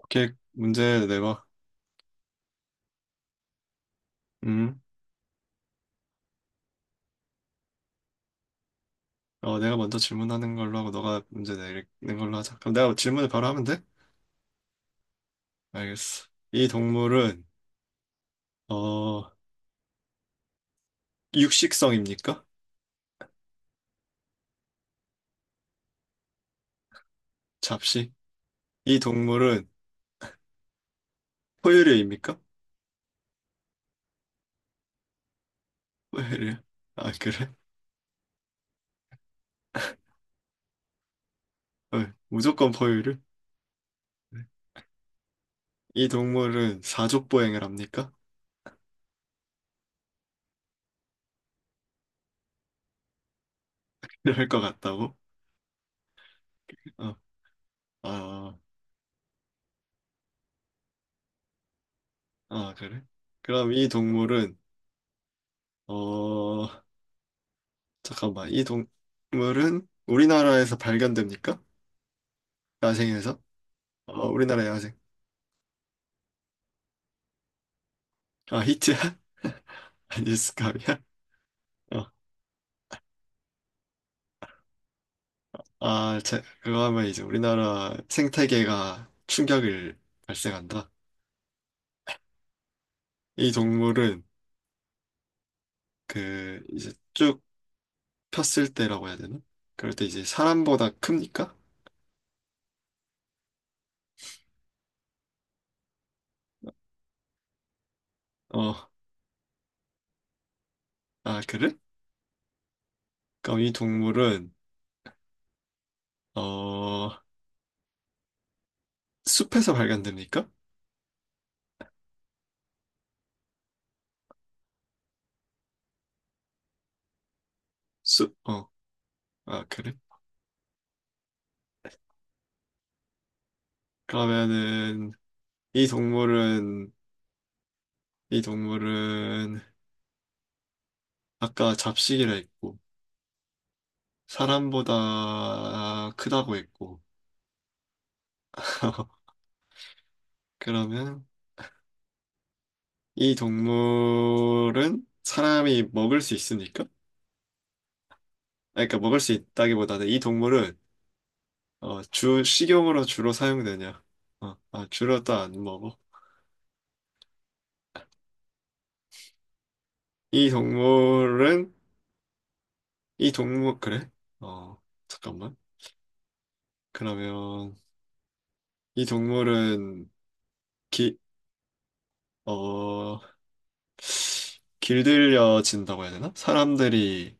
이렇게 문제 내봐. 음. 내가 먼저 질문하는 걸로 하고 너가 문제 내는 걸로 하자. 그럼 내가 질문을 바로 하면 돼? 알겠어. 이 동물은 어, 육식성입니까? 잡식? 이 동물은 포유류입니까? 포유류. 아, 그래? 어, 무조건 포유류? 이 동물은 사족보행을 합니까? 이럴 것 같다고? 어, 아, 아, 그래? 그럼 이 동물은, 어, 잠깐만, 이 동물은 우리나라에서 발견됩니까? 야생에서? 어, 우리나라 야생. 아, 히트야? 뉴스캅이야? 어. 아, 제 그거 하면 이제 우리나라 생태계가 충격을 발생한다. 이 동물은 그 이제 쭉 폈을 때라고 해야 되나? 그럴 때 이제 사람보다 큽니까? 어, 아, 그래? 그럼 이 동물은 어, 숲에서 발견됩니까? 숲? 어, 아, 그래? 그러면은 이 동물은 이 동물은 아까 잡식이라 했고 사람보다 크다고 했고. 그러면 이 동물은 사람이 먹을 수 있습니까? 아니, 그러니까 먹을 수 있다기보다는 이 동물은 주 식용으로 주로 사용되냐? 어, 아, 주로 또 안 먹어. 이 동물은 이 동물 그래? 어, 잠깐만. 그러면 이 동물은 기, 어, 길들여진다고 해야 되나? 사람들이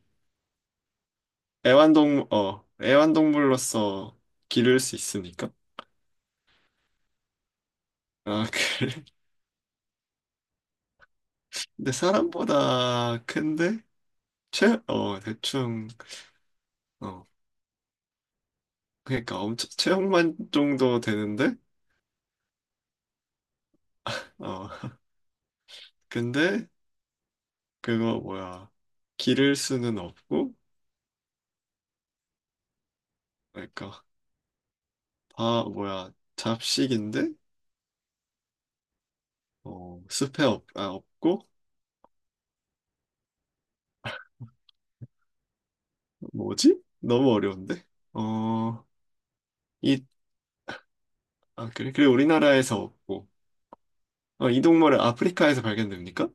애완동물로서 기를 수 있으니까. 아, 그래. 근데 사람보다 큰데? 체, 어, 대충, 어, 그러니까 엄청, 체형만 정도 되는데? 어, 근데, 그거 뭐야. 기를 수는 없고, 그러니까, 다, 뭐야, 잡식인데? 없고, 뭐지? 너무 어려운데? 어, 이, 아, 그래? 그래, 우리나라에서 없고, 이 동물은 아프리카에서 발견됩니까?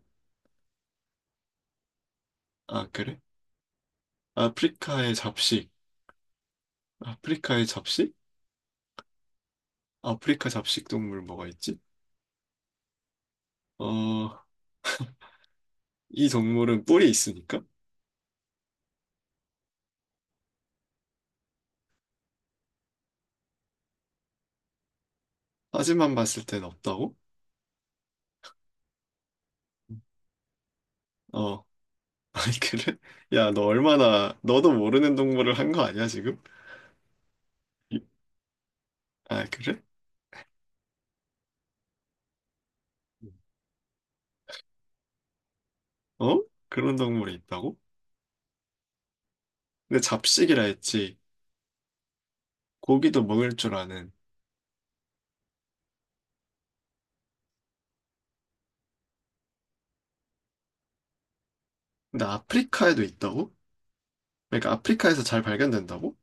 아, 그래? 아프리카의 잡식. 아프리카의 잡식? 아프리카 잡식 동물 뭐가 있지? 어, 이 동물은 뿔이 있으니까? 사진만 봤을 땐 없다고? 어, 아니, 그래? 야, 너 얼마나, 너도 모르는 동물을 한 거 아니야, 지금? 이- 아, 그래? 음. 어? 그런 동물이 있다고? 근데 잡식이라 했지. 고기도 먹을 줄 아는. 근데 아프리카에도 있다고? 그러니까 아프리카에서 잘 발견된다고?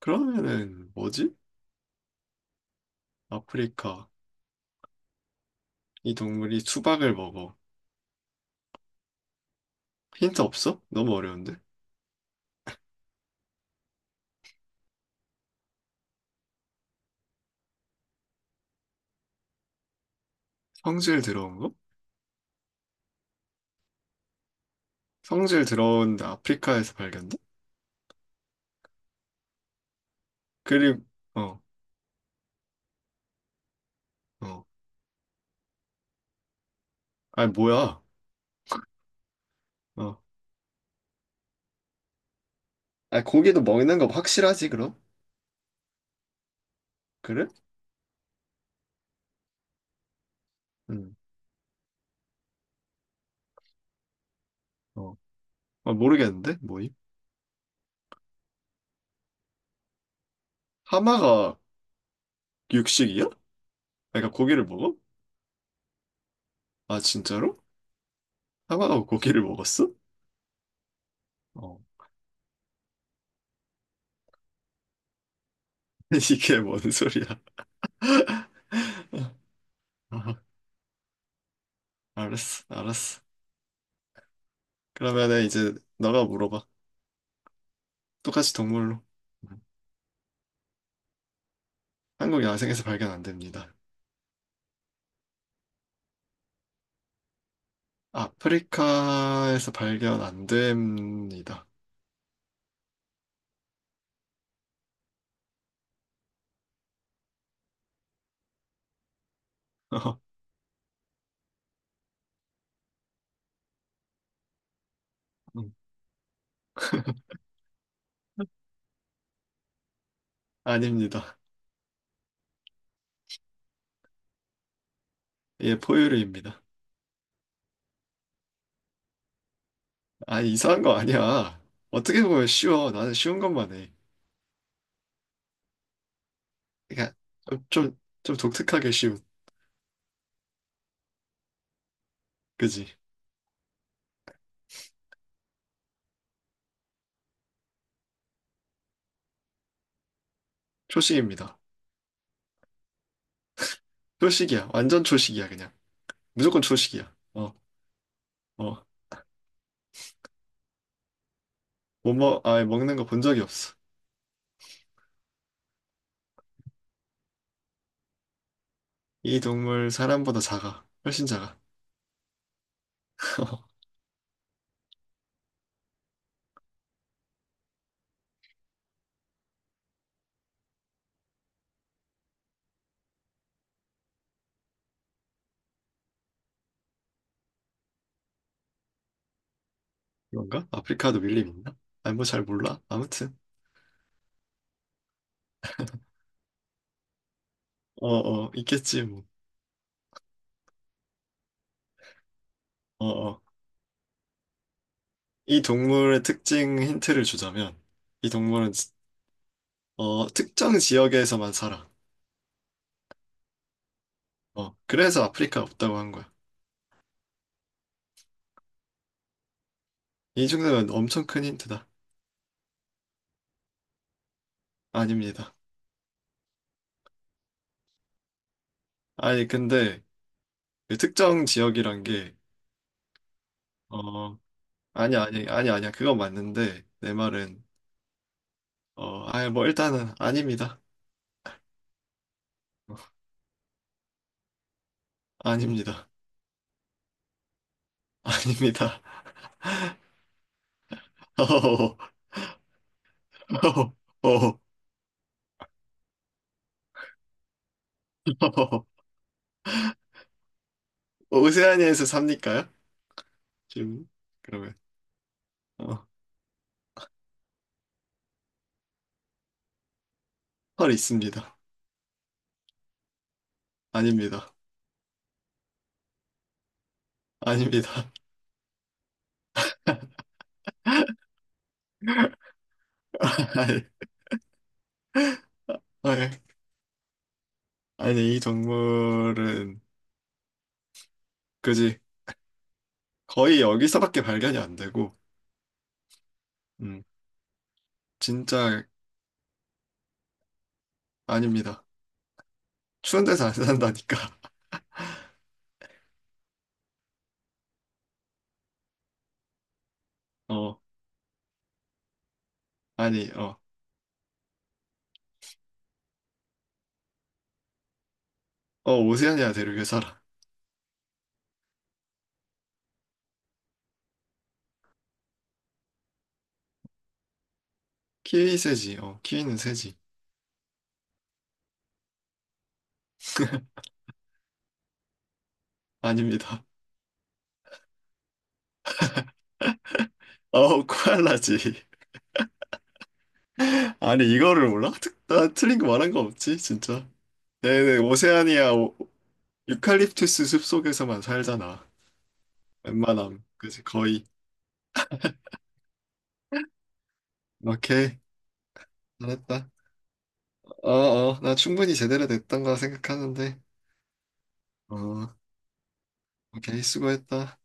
그러면은 뭐지? 아프리카. 이 동물이 수박을 먹어. 힌트 없어? 너무 어려운데? 성질 들어온 거? 성질 들어온데 아프리카에서 발견돼? 그리고 어, 어. 아니 뭐야? 어. 아니 고기도 먹는 거 확실하지 그럼? 그래? 응. 어. 아, 모르겠는데 뭐임? 하마가 육식이야? 그러니까 고기를 먹어? 아 진짜로? 하마가 고기를 먹었어? 어. 이게 뭔 소리야? 아, 알았어, 알았어. 그러면은 이제 너가 물어봐. 똑같이 동물로. 음. 한국 야생에서 발견 안 됩니다. 아프리카에서 발견 안 됩니다. 음. 아닙니다. 예, 포유류입니다. 아, 이상한 거 아니야. 어떻게 보면 쉬워. 나는 쉬운 것만 해. 그러니까 좀, 좀, 좀 독특하게 쉬운. 그지? 초식입니다. 초식이야. 완전 초식이야, 그냥. 무조건 초식이야. 어, 어. 못 먹, 아, 먹는 거 본 적이 없어. 이 동물 사람보다 작아. 훨씬 작아. 그런가? 아프리카도 밀림 있나? 아니, 뭐 잘 몰라. 아무튼. 어, 어, 있겠지, 뭐. 어, 어. 이 동물의 특징 힌트를 주자면 이 동물은 지- 어, 특정 지역에서만 살아. 어, 그래서 아프리카 없다고 한 거야. 이 정도면 엄청 큰 힌트다. 아닙니다. 아니 근데 그 특정 지역이란 게 어, 아니 아니 아니 아니야. 그건 맞는데 내 말은 어, 아니 뭐 일단은 아닙니다. 어, 아닙니다. 아닙니다. 어허허허. 어허허허. 어허허허. 오세아니아에서 삽니까요? 지금 그러면 어, 털 있습니다. 아닙니다. 아닙니다. 아니, 아니, 이 동물은 그지 거의 여기서밖에 발견이 안 되고, 음, 진짜 아닙니다. 추운 데서 안 산다니까. 어, 아니, 어, 어, 오세아니아 대륙에 살아. 키위 새지. 어, 키위는 새지. 아닙니다. 어, 코알라지. 아니, 이거를 몰라? 특- 나 틀린 거 말한 거 없지, 진짜. 네네, 오세아니아 오- 유칼립투스 숲속에서만 살잖아. 웬만함, 그지 거의. 오케이, 잘했다. 어, 나 충분히 제대로 됐던 거 생각하는데. 어, 오케이, 수고했다.